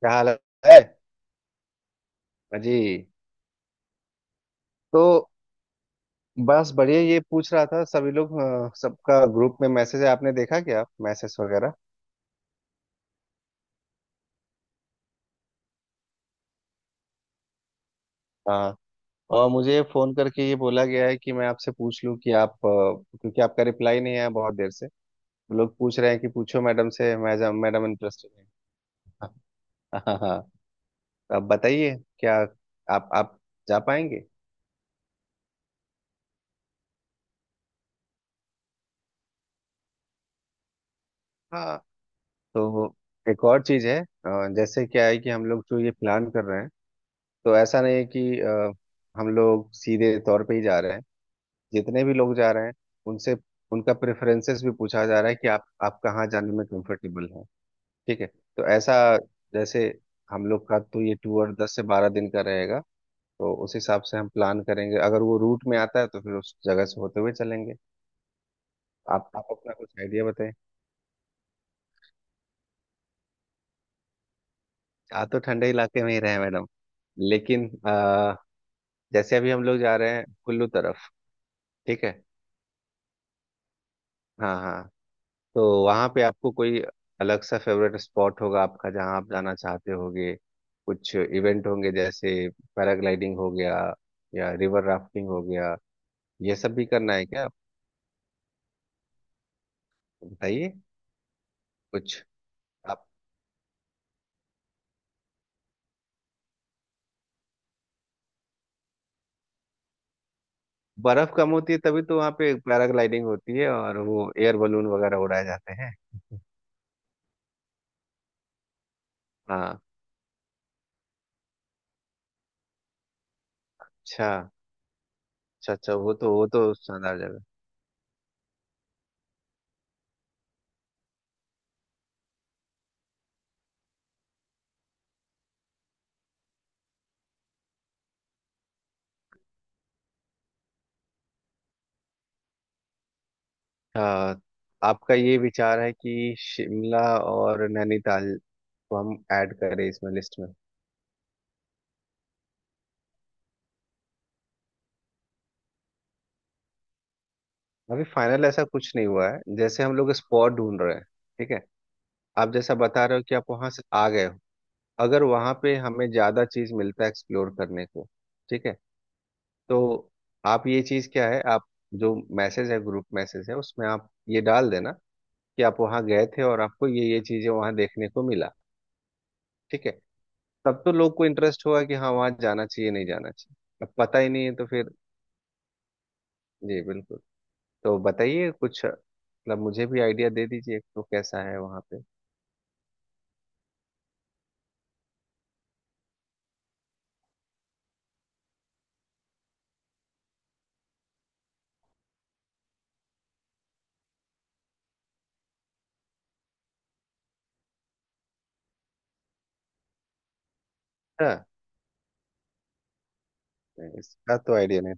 क्या हाल है अजी। तो बस बढ़िया ये पूछ रहा था सभी लोग सबका ग्रुप में मैसेज है। आपने देखा क्या मैसेज वगैरह? हाँ। और मुझे फोन करके ये बोला गया है कि मैं आपसे पूछ लूं कि आप क्योंकि आपका रिप्लाई नहीं आया बहुत देर से। लोग पूछ रहे हैं कि पूछो मैडम से, मैडम मैडम इंटरेस्टेड है। हाँ, हाँ, हाँ। तो आप बताइए क्या आप जा पाएंगे? हाँ। तो एक और चीज है, जैसे क्या है कि हम लोग जो ये प्लान कर रहे हैं, तो ऐसा नहीं है कि हम लोग सीधे तौर पे ही जा रहे हैं। जितने भी लोग जा रहे हैं उनसे उनका प्रेफरेंसेस भी पूछा जा रहा है कि आप कहाँ जाने में कंफर्टेबल हैं। ठीक है। तो ऐसा जैसे हम लोग का तो ये टूर 10 से 12 दिन का रहेगा। तो उस हिसाब से हम प्लान करेंगे, अगर वो रूट में आता है तो फिर उस जगह से होते हुए चलेंगे। आप अपना कुछ आइडिया बताएं। आ तो ठंडे इलाके में ही रहे हैं मैडम, लेकिन जैसे अभी हम लोग जा रहे हैं कुल्लू तरफ। ठीक है, हाँ हाँ। तो वहां पे आपको कोई अलग सा फेवरेट स्पॉट होगा आपका जहां आप जाना चाहते होगे? कुछ इवेंट होंगे जैसे पैराग्लाइडिंग हो गया या रिवर राफ्टिंग हो गया, ये सब भी करना है क्या? बताइए। कुछ आप बर्फ कम होती है तभी तो वहां पे पैराग्लाइडिंग होती है और वो एयर बलून वगैरह उड़ाए जाते हैं। हाँ, अच्छा, अच्छा। अच्छा, वो तो शानदार जगह। अच्छा, आपका ये विचार है कि शिमला और नैनीताल को हम ऐड करें इसमें लिस्ट में? अभी फाइनल ऐसा कुछ नहीं हुआ है, जैसे हम लोग स्पॉट ढूंढ रहे हैं। ठीक है। आप जैसा बता रहे हो कि आप वहां से आ गए हो, अगर वहां पे हमें ज्यादा चीज मिलता है एक्सप्लोर करने को। ठीक है। तो आप ये चीज क्या है, आप जो मैसेज है, ग्रुप मैसेज है उसमें आप ये डाल देना कि आप वहां गए थे और आपको ये चीजें वहां देखने को मिला। ठीक है। तब तो लोग को इंटरेस्ट होगा कि हाँ वहां जाना चाहिए, नहीं जाना चाहिए। अब पता ही नहीं है तो फिर। जी बिल्कुल। तो बताइए कुछ, मतलब मुझे भी आइडिया दे दीजिए तो कैसा है वहां पे। नहीं, इसका तो आइडिया नहीं।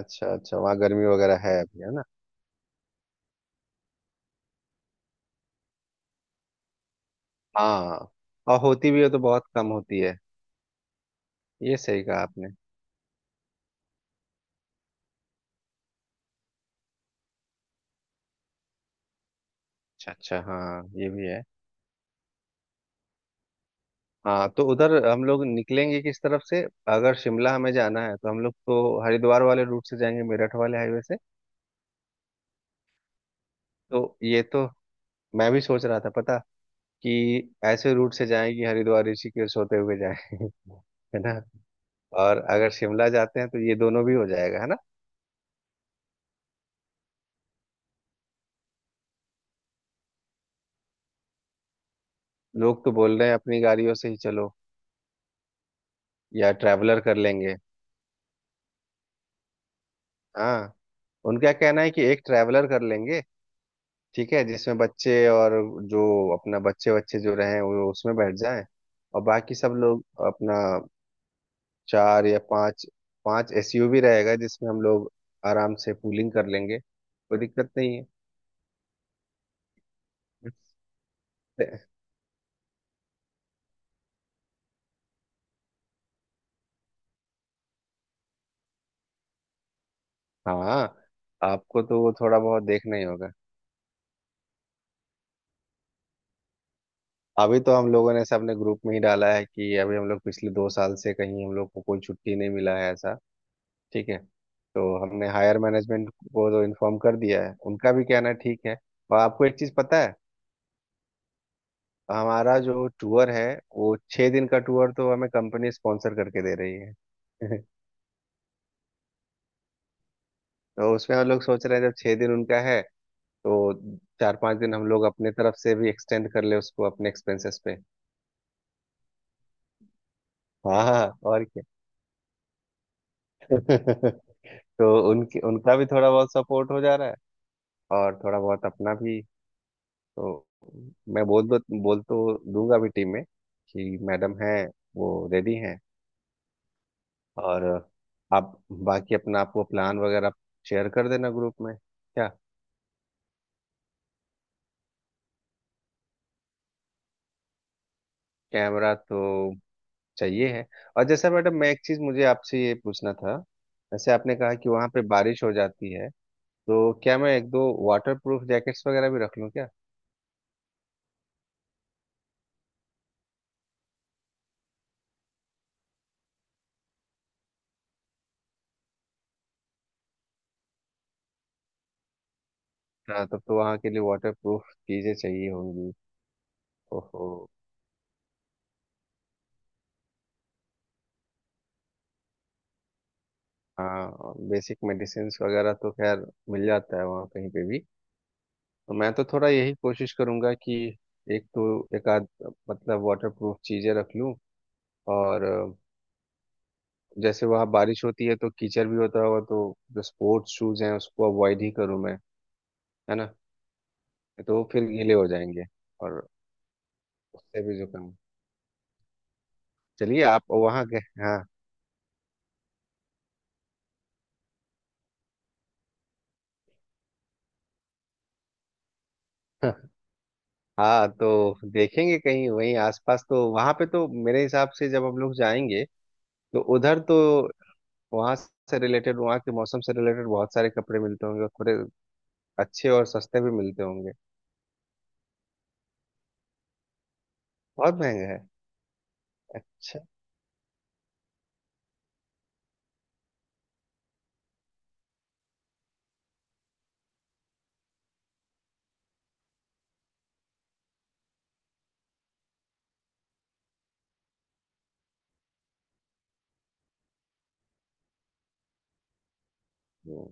अच्छा अच्छा, वहाँ गर्मी वगैरह है अभी, है ना? हाँ, और होती भी है तो बहुत कम होती है। ये सही कहा आपने। अच्छा अच्छा, हाँ ये भी है। हाँ तो उधर हम लोग निकलेंगे किस तरफ से? अगर शिमला हमें जाना है तो हम लोग तो हरिद्वार वाले रूट से जाएंगे, मेरठ वाले हाईवे से। तो ये तो मैं भी सोच रहा था पता, कि ऐसे रूट से जाएं कि हरिद्वार ऋषिकेश होते हुए जाएं है ना। और अगर शिमला जाते हैं तो ये दोनों भी हो जाएगा, है ना। लोग तो बोल रहे हैं अपनी गाड़ियों से ही चलो या ट्रैवलर कर लेंगे। हाँ। उनका कहना है कि एक ट्रैवलर कर लेंगे, ठीक है, जिसमें बच्चे और जो अपना बच्चे बच्चे जो रहे वो उसमें बैठ जाएं। और बाकी सब लोग अपना चार या पांच, पांच एसयूवी रहेगा जिसमें हम लोग आराम से पूलिंग कर लेंगे, कोई दिक्कत नहीं है। हाँ। आपको तो वो थोड़ा बहुत देखना ही होगा। अभी तो हम लोगों ने सबने ग्रुप में ही डाला है कि अभी हम लोग पिछले 2 साल से कहीं हम लोग को कोई छुट्टी नहीं मिला है ऐसा। ठीक है। तो हमने हायर मैनेजमेंट को तो इन्फॉर्म कर दिया है, उनका भी कहना ठीक है। और आपको एक चीज पता है? हमारा जो टूर है वो 6 दिन का टूर तो हमें कंपनी स्पॉन्सर करके दे रही है तो उसमें हम लोग सोच रहे हैं जब 6 दिन उनका है तो 4 5 दिन हम लोग अपने तरफ से भी एक्सटेंड कर ले उसको अपने एक्सपेंसेस पे। हाँ हाँ, हाँ, और क्या। तो उनकी उनका भी थोड़ा बहुत सपोर्ट हो जा रहा है, और थोड़ा बहुत अपना भी। तो मैं बोल तो दूंगा भी टीम में कि मैडम हैं, वो रेडी हैं। और आप बाकी अपना आपको प्लान वगैरह शेयर कर देना ग्रुप में क्या। कैमरा तो चाहिए है। और जैसा मैडम, मैं एक चीज़ मुझे आपसे ये पूछना था। जैसे आपने कहा कि वहाँ पे बारिश हो जाती है, तो क्या मैं एक दो वाटर प्रूफ जैकेट्स वगैरह भी रख लूँ क्या? हाँ, तब तो वहाँ के लिए वाटर प्रूफ चीज़ें चाहिए होंगी। ओहो। हाँ, बेसिक मेडिसिन्स वगैरह तो खैर मिल जाता है वहाँ कहीं पे भी। तो मैं तो थोड़ा यही कोशिश करूंगा कि एक तो एक आध मतलब वाटर प्रूफ चीजें रख लूं। और जैसे वहाँ बारिश होती है तो कीचड़ भी होता होगा, तो जो स्पोर्ट्स शूज हैं उसको अवॉइड ही करूँ मैं, है ना। तो वो फिर गीले हो जाएंगे और उससे भी जुकाम। चलिए आप वहाँ गए, हाँ हाँ तो देखेंगे कहीं वहीं आसपास, तो वहां पे तो मेरे हिसाब से जब हम लोग जाएंगे तो उधर तो वहां से रिलेटेड, वहां के मौसम से रिलेटेड बहुत सारे कपड़े मिलते होंगे, थोड़े अच्छे और सस्ते भी मिलते होंगे। बहुत महंगे हैं? अच्छा। हम्म,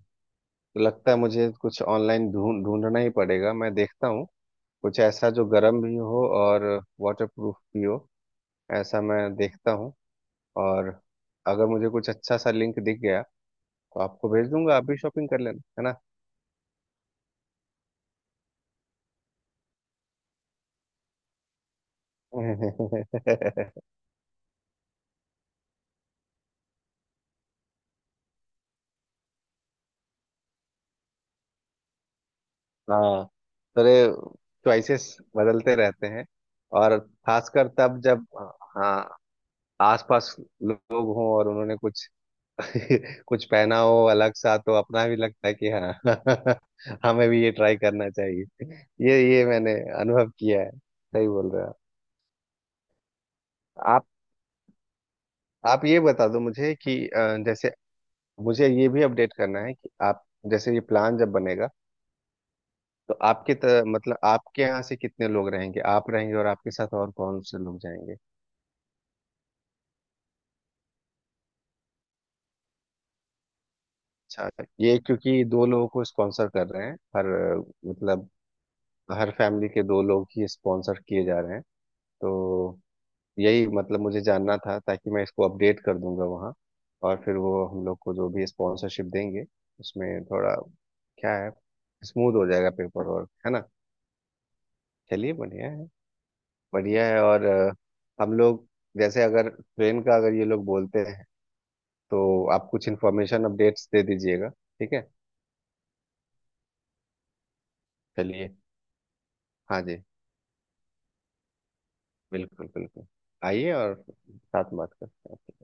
तो लगता है मुझे कुछ ऑनलाइन ढूंढ ढूंढना ही पड़ेगा, मैं देखता हूँ कुछ ऐसा जो गर्म भी हो और वाटर प्रूफ भी हो, ऐसा मैं देखता हूँ। और अगर मुझे कुछ अच्छा सा लिंक दिख गया तो आपको भेज दूंगा, आप भी शॉपिंग कर लेना, है ना। हाँ, थोड़े चॉइसेस बदलते रहते हैं, और खासकर तब जब, हाँ, आसपास लोग हों और उन्होंने कुछ कुछ पहना हो अलग सा, तो अपना भी लगता है कि हाँ। हमें भी ये ट्राई करना चाहिए। ये मैंने अनुभव किया है, सही बोल रहे हो। आप आप ये बता दो मुझे कि जैसे मुझे ये भी अपडेट करना है कि आप, जैसे ये प्लान जब बनेगा तो मतलब आपके यहाँ से कितने लोग रहेंगे, आप रहेंगे और आपके साथ और कौन से लोग जाएंगे? अच्छा। ये क्योंकि दो लोगों को स्पॉन्सर कर रहे हैं हर मतलब हर फैमिली के दो लोग ही स्पॉन्सर किए जा रहे हैं। तो यही मतलब मुझे जानना था, ताकि मैं इसको अपडेट कर दूंगा वहाँ। और फिर वो हम लोग को जो भी स्पॉन्सरशिप देंगे उसमें थोड़ा क्या है स्मूथ हो जाएगा, पेपर वर्क है ना। चलिए बढ़िया है, बढ़िया है। और हम लोग जैसे, अगर ट्रेन का अगर ये लोग बोलते हैं तो आप कुछ इन्फॉर्मेशन अपडेट्स दे दीजिएगा। ठीक है, चलिए। हाँ जी, बिल्कुल बिल्कुल। आइए और साथ बात करते हैं।